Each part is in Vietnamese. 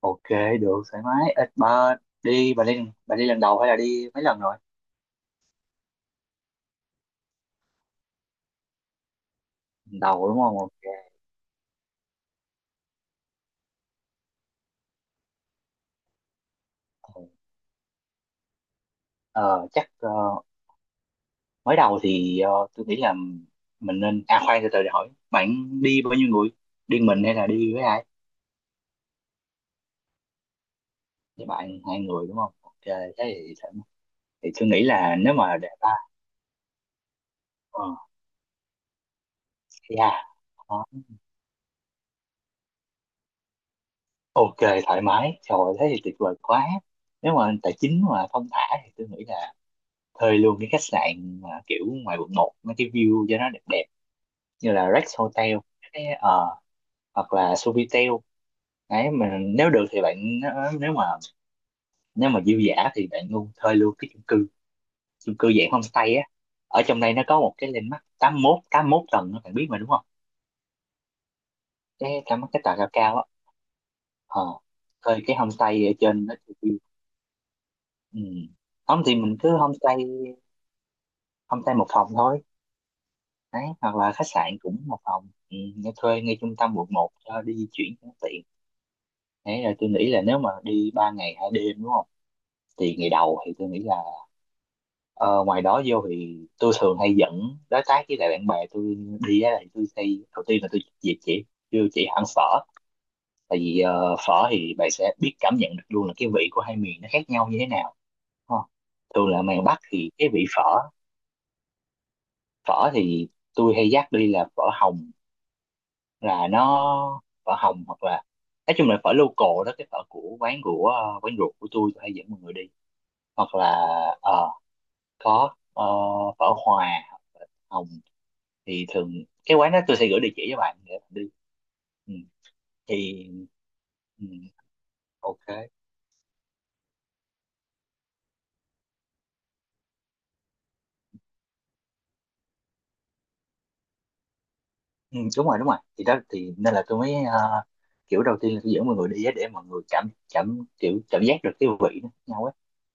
Ok, được thoải mái ít. Bà đi bà đi bà đi lần đầu hay là đi mấy lần rồi? Lần đầu đúng không? Ok. Ừ. ờ, chắc mới đầu thì tôi nghĩ là mình nên, à, khoan từ từ để hỏi bạn đi bao nhiêu người, đi mình hay là đi với ai. Với bạn hai người đúng không? Ok, thế thì thoải mái. Thì tôi nghĩ là nếu mà để ba, ờ, yeah. Ờ, ok, thoải mái, trời ơi, thế thì tuyệt vời quá. Nếu mà tài chính mà thong thả thì tôi nghĩ là thuê luôn cái khách sạn mà kiểu ngoài quận một, mấy cái view cho nó đẹp đẹp, như là Rex Hotel, cái, ờ, hoặc là Sofitel. Đấy mình, nếu được thì bạn nếu mà nếu mà dư dả thì bạn luôn thuê luôn cái chung cư, chung cư dạng homestay á. Ở trong đây nó có một cái landmark tám mốt tầng đó, bạn biết mà đúng không? Cái tòa cao cao á. ờ Thuê cái homestay ở trên đó thì, ừ. Không thì mình cứ homestay homestay, một phòng thôi. Đấy, hoặc là khách sạn cũng một phòng. Ừ, nghe thuê ngay trung tâm quận một cho đi di chuyển cho nó tiện. Đấy rồi, tôi nghĩ là nếu mà đi ba ngày hai đêm đúng không? Thì ngày đầu thì tôi nghĩ là, ờ, ngoài đó vô thì tôi thường hay dẫn đối tác với lại bạn bè tôi đi á. Thì tôi hay đầu tiên là tôi dịp chị, kêu chị ăn phở. Tại vì phở thì bạn sẽ biết cảm nhận được luôn là cái vị của hai miền nó khác nhau như thế nào, đúng không? Thường là miền Bắc thì cái vị phở phở thì tôi hay dắt đi là phở Hồng, là nó phở Hồng. Hoặc là nói chung là phở local đó, cái phở của quán của, quán ruột của tôi hay dẫn mọi người đi. Hoặc là ờ, có phở Hòa hoặc phở Hồng. Thì thường cái quán đó tôi sẽ gửi địa chỉ cho bạn để bạn đi. Ừ. Thì ừ. Ok. Ừ, đúng rồi, đúng rồi, thì đó thì nên là tôi mới, kiểu đầu tiên là tôi dẫn mọi người đi á, để mọi người cảm cảm kiểu cảm giác được cái vị nó khác nhau ấy.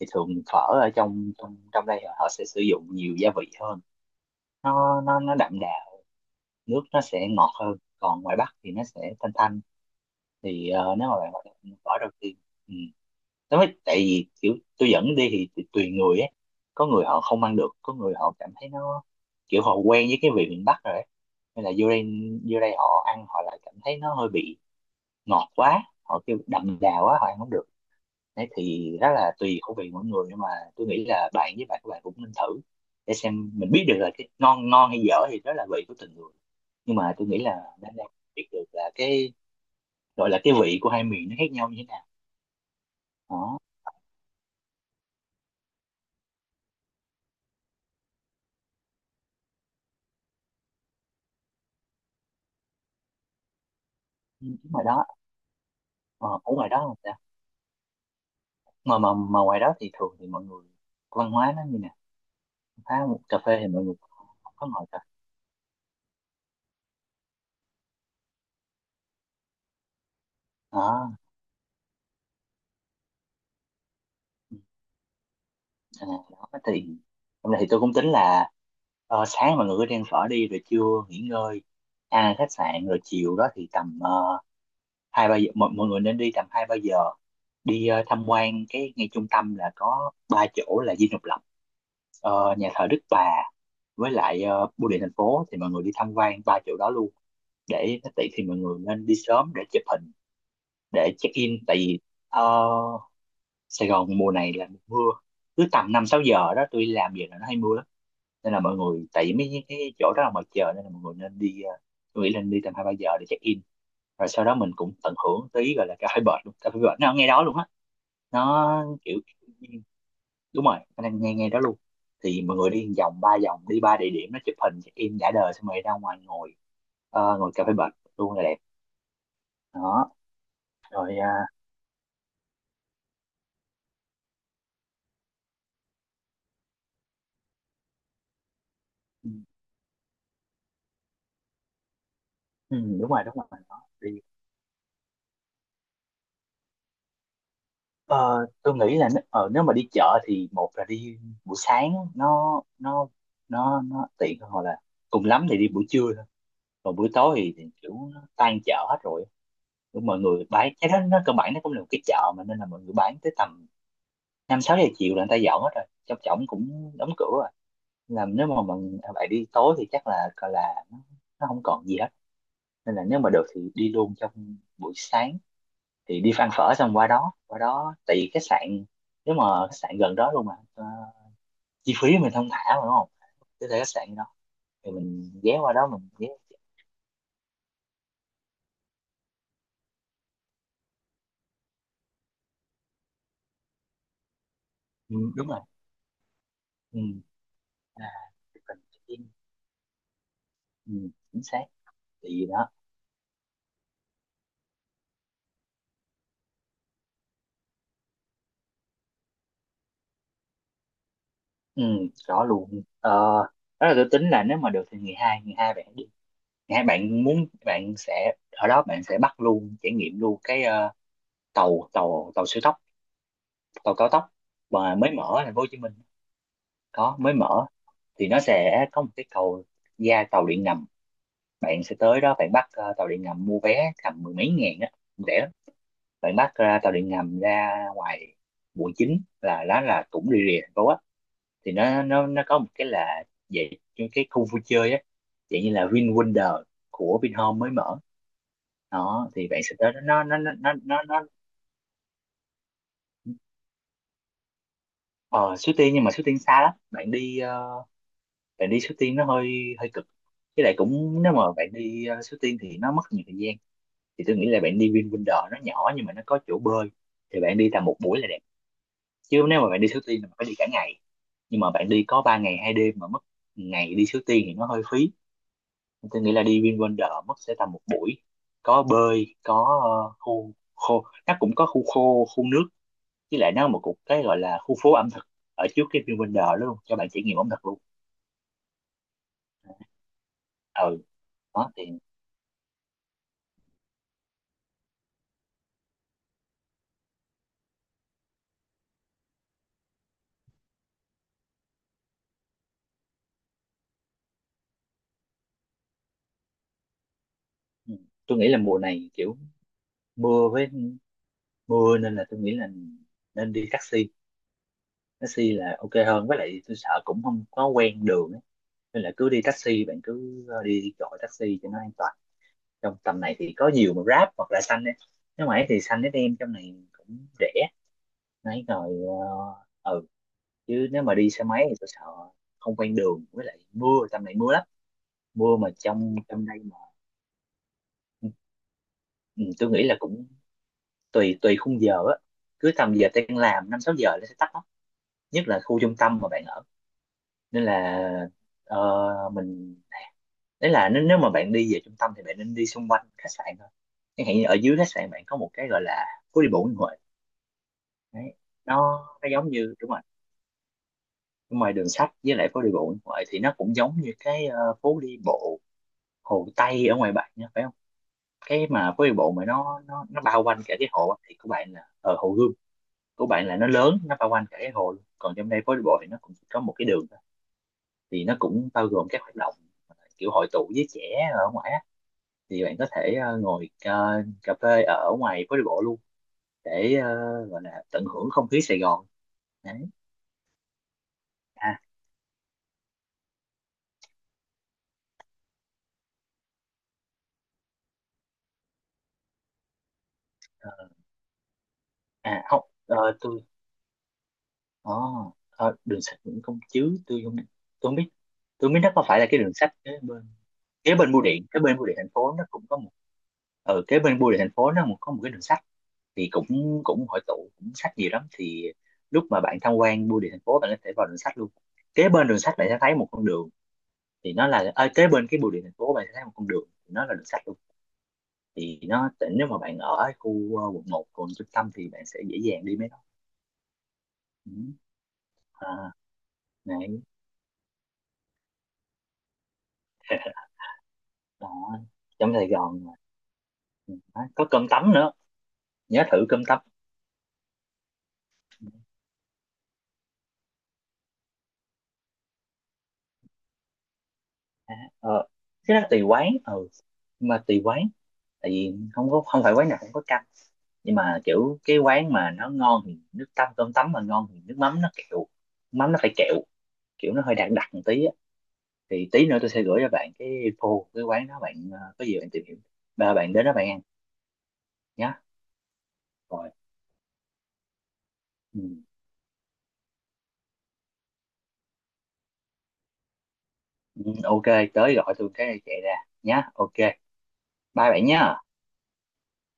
Thì thường phở ở trong trong trong đây họ sẽ sử dụng nhiều gia vị hơn, nó đậm đà, nước nó sẽ ngọt hơn, còn ngoài Bắc thì nó sẽ thanh thanh. Thì nếu mà bạn gọi là phở đầu tiên, ừ, nó mới. Tại vì kiểu tôi dẫn đi thì tùy tùy người ấy, có người họ không ăn được, có người họ cảm thấy nó kiểu họ quen với cái vị miền Bắc rồi ấy, nên là vô đây, vô đây họ ăn họ lại cảm thấy nó hơi bị ngọt quá, họ kêu đậm đà quá họ ăn không được. Đấy thì đó là tùy khẩu vị mỗi người, nhưng mà tôi nghĩ là bạn với bạn, các bạn cũng nên thử, để xem mình biết được là cái ngon ngon hay dở thì đó là vị của từng người. Nhưng mà tôi nghĩ là đang đang biết được là cái gọi là cái vị của hai miền nó khác nhau như thế nào. Đó. Nhưng ở ngoài đó, ờ, ở ngoài đó mà ngoài đó thì thường thì mọi người văn hóa nó như nè, pha một cà phê thì mọi người không có ngồi đó. Ừ. À, đó thì hôm nay thì tôi cũng tính là, sáng mọi người cứ đi ăn phở đi rồi trưa nghỉ ngơi, ăn ở khách sạn rồi chiều đó thì tầm, hai ba giờ, mọi người nên đi tầm hai ba giờ, đi tham quan cái ngay trung tâm là có ba chỗ là Dinh Độc Lập, nhà thờ Đức Bà với lại bưu điện thành phố. Thì mọi người đi tham quan ba chỗ đó luôn để nó tiện. Thì mọi người nên đi sớm để chụp hình, để check in. Tại vì ờ, Sài Gòn mùa này là mùa mưa, cứ tầm năm sáu giờ đó tôi làm về là nó hay mưa lắm, nên là mọi người, tại vì mấy cái chỗ đó là ngoài trời nên là mọi người nên đi, tôi nghĩ nên đi tầm hai ba giờ để check in, rồi sau đó mình cũng tận hưởng tí gọi là cà phê bệt luôn, cà phê bệt nó ở ngay đó luôn á. Nó kiểu, đúng rồi, nó đang ngay ngay đó luôn. Thì mọi người đi một vòng, ba vòng đi ba địa điểm nó, chụp hình check in đã đời xong rồi ra ngoài ngồi, ngồi cà phê bệt luôn là đẹp. Đó rồi. À. Ừ. Ừ, đúng rồi, đúng rồi đó. Đi. Ờ, tôi nghĩ là nếu mà đi chợ thì một là đi buổi sáng, nó tiện hơn, hoặc là cùng lắm thì đi buổi trưa thôi, còn buổi tối thì kiểu nó tan chợ hết rồi. Cũng mọi người bán cái đó, nó cơ bản nó cũng là một cái chợ mà, nên là mọi người bán tới tầm năm sáu giờ chiều là người ta dọn hết rồi, trong trỏng cũng đóng cửa rồi. Là nếu mà bạn đi tối thì chắc là gọi là nó không còn gì hết, nên là nếu mà được thì đi luôn trong buổi sáng, thì đi ăn phở xong qua đó, tại vì khách sạn, nếu mà khách sạn gần đó luôn mà, chi phí mình không thả mà đúng không? Có thể khách sạn đó thì mình ghé qua đó, mình ghé. Ừ, đúng rồi. Ừ. À, mình check-in. Ừ, chính xác. Tại vì đó. Ừ, rõ luôn. Ờ, Đó là tôi tính là nếu mà được thì ngày hai, bạn đi, ngày hai bạn muốn bạn sẽ ở đó, bạn sẽ bắt luôn trải nghiệm luôn cái tàu tàu tàu siêu tốc, tàu cao tốc mà mới mở ở thành phố Hồ Chí Minh, có mới mở. Thì nó sẽ có một cái cầu ra tàu điện ngầm, bạn sẽ tới đó, bạn bắt tàu điện ngầm, mua vé tầm mười mấy ngàn á, rẻ lắm. Bạn bắt ra tàu điện ngầm ra ngoài quận chín, là đó là cũng rì rì thành phố á. Thì nó có một cái là về cái khu vui chơi á, dạng như là Vin Wonder của Vinhome mới mở. Đó thì bạn sẽ tới đó, nó. Ờ Suối Tiên nhưng mà Suối Tiên xa lắm, bạn đi bạn đi Suối Tiên nó hơi hơi cực, với lại cũng nếu mà bạn đi Suối Tiên thì nó mất nhiều thời gian. Thì tôi nghĩ là bạn đi VinWonder, nó nhỏ nhưng mà nó có chỗ bơi, thì bạn đi tầm một buổi là đẹp. Chứ nếu mà bạn đi Suối Tiên là bạn phải đi cả ngày, nhưng mà bạn đi có 3 ngày hai đêm mà mất ngày đi Suối Tiên thì nó hơi phí. Tôi nghĩ là đi VinWonder mất sẽ tầm một buổi, có bơi, có khu khô, nó cũng có khu khô khu nước, với lại nó là một cục cái gọi là khu phố ẩm thực ở trước cái VinWonder đó luôn cho bạn trải nghiệm ẩm thực luôn. Ừ, đó thì. Ừ. Tôi nghĩ là mùa này kiểu mưa với mưa nên là tôi nghĩ là nên đi taxi. Taxi là ok hơn với lại tôi sợ cũng không có quen đường ấy. Nên là cứ đi taxi, bạn cứ đi gọi taxi cho nó an toàn, trong tầm này thì có nhiều mà Grab hoặc là Xanh ấy. Nếu mà ấy thì Xanh nó đem trong này cũng rẻ nãy rồi. Ừ. Chứ nếu mà đi xe máy thì tôi sợ không quen đường, với lại mưa tầm này mưa lắm, mưa mà trong trong đây mà. Ừ. Ừ, tôi nghĩ là cũng tùy tùy khung giờ á, cứ tầm giờ tan làm năm sáu giờ nó sẽ tắt lắm, nhất là khu trung tâm mà bạn ở. Nên là ờ, mình đấy là nếu mà bạn đi về trung tâm thì bạn nên đi xung quanh khách sạn thôi. Chẳng hạn như ở dưới khách sạn bạn có một cái gọi là phố đi bộ Nguyễn Huệ. Đấy, nó giống như, đúng rồi, ngoài đường sách với lại phố đi bộ Nguyễn Huệ thì nó cũng giống như cái phố đi bộ Hồ Tây ở ngoài bạn nha, phải không? Cái mà phố đi bộ mà nó bao quanh cả cái hồ á, thì của bạn là ở Hồ Gươm. Của bạn là nó lớn, nó bao quanh cả cái hồ luôn. Còn trong đây phố đi bộ thì nó cũng chỉ có một cái đường thôi. Thì nó cũng bao gồm các hoạt động, kiểu hội tụ với trẻ ở ngoài á. Thì bạn có thể ngồi cà phê ở ngoài phố đi bộ luôn để gọi là tận hưởng không khí Sài Gòn. Đấy. À. ờ, À không, tôi, oh, đường sách Nguyễn Công Trứ tôi không, tôi không biết, tôi không biết nó có phải là cái đường sách kế bên, kế bên bưu điện, kế bên bưu điện thành phố nó cũng có một, ở kế bên bưu điện thành phố có một cái đường sách. Thì cũng cũng hội tụ, cũng sách nhiều lắm, thì lúc mà bạn tham quan bưu điện thành phố bạn có thể vào đường sách luôn. Kế bên đường sách bạn sẽ thấy một con đường, thì nó là ở kế bên cái bưu điện thành phố, bạn sẽ thấy một con đường thì nó là đường sắt luôn. Thì nó, nếu mà bạn ở khu quận một, quận trung tâm thì bạn sẽ dễ dàng đi mấy đó. Ừ. À, này. Đó. Trong Sài Gòn mà. Ừ. Đó, có cơm tấm nữa, nhớ thử cơm tấm. À. Cái đó tùy quán, ừ, nhưng mà tùy quán. Tại vì không phải quán nào cũng có canh. Nhưng mà kiểu cái quán mà nó ngon thì nước tăm cơm tấm mà ngon thì nước mắm nó kẹo, mắm nó phải kẹo, kiểu nó hơi đặc đặc một tí. Thì tí nữa tôi sẽ gửi cho bạn cái info cái quán đó, bạn có gì bạn tìm hiểu, bạn đến đó bạn ăn nhá. Rồi. Ừ. Ừ, ok, tới gọi tôi cái chạy ra nhá. Ok, bye bạn nhá.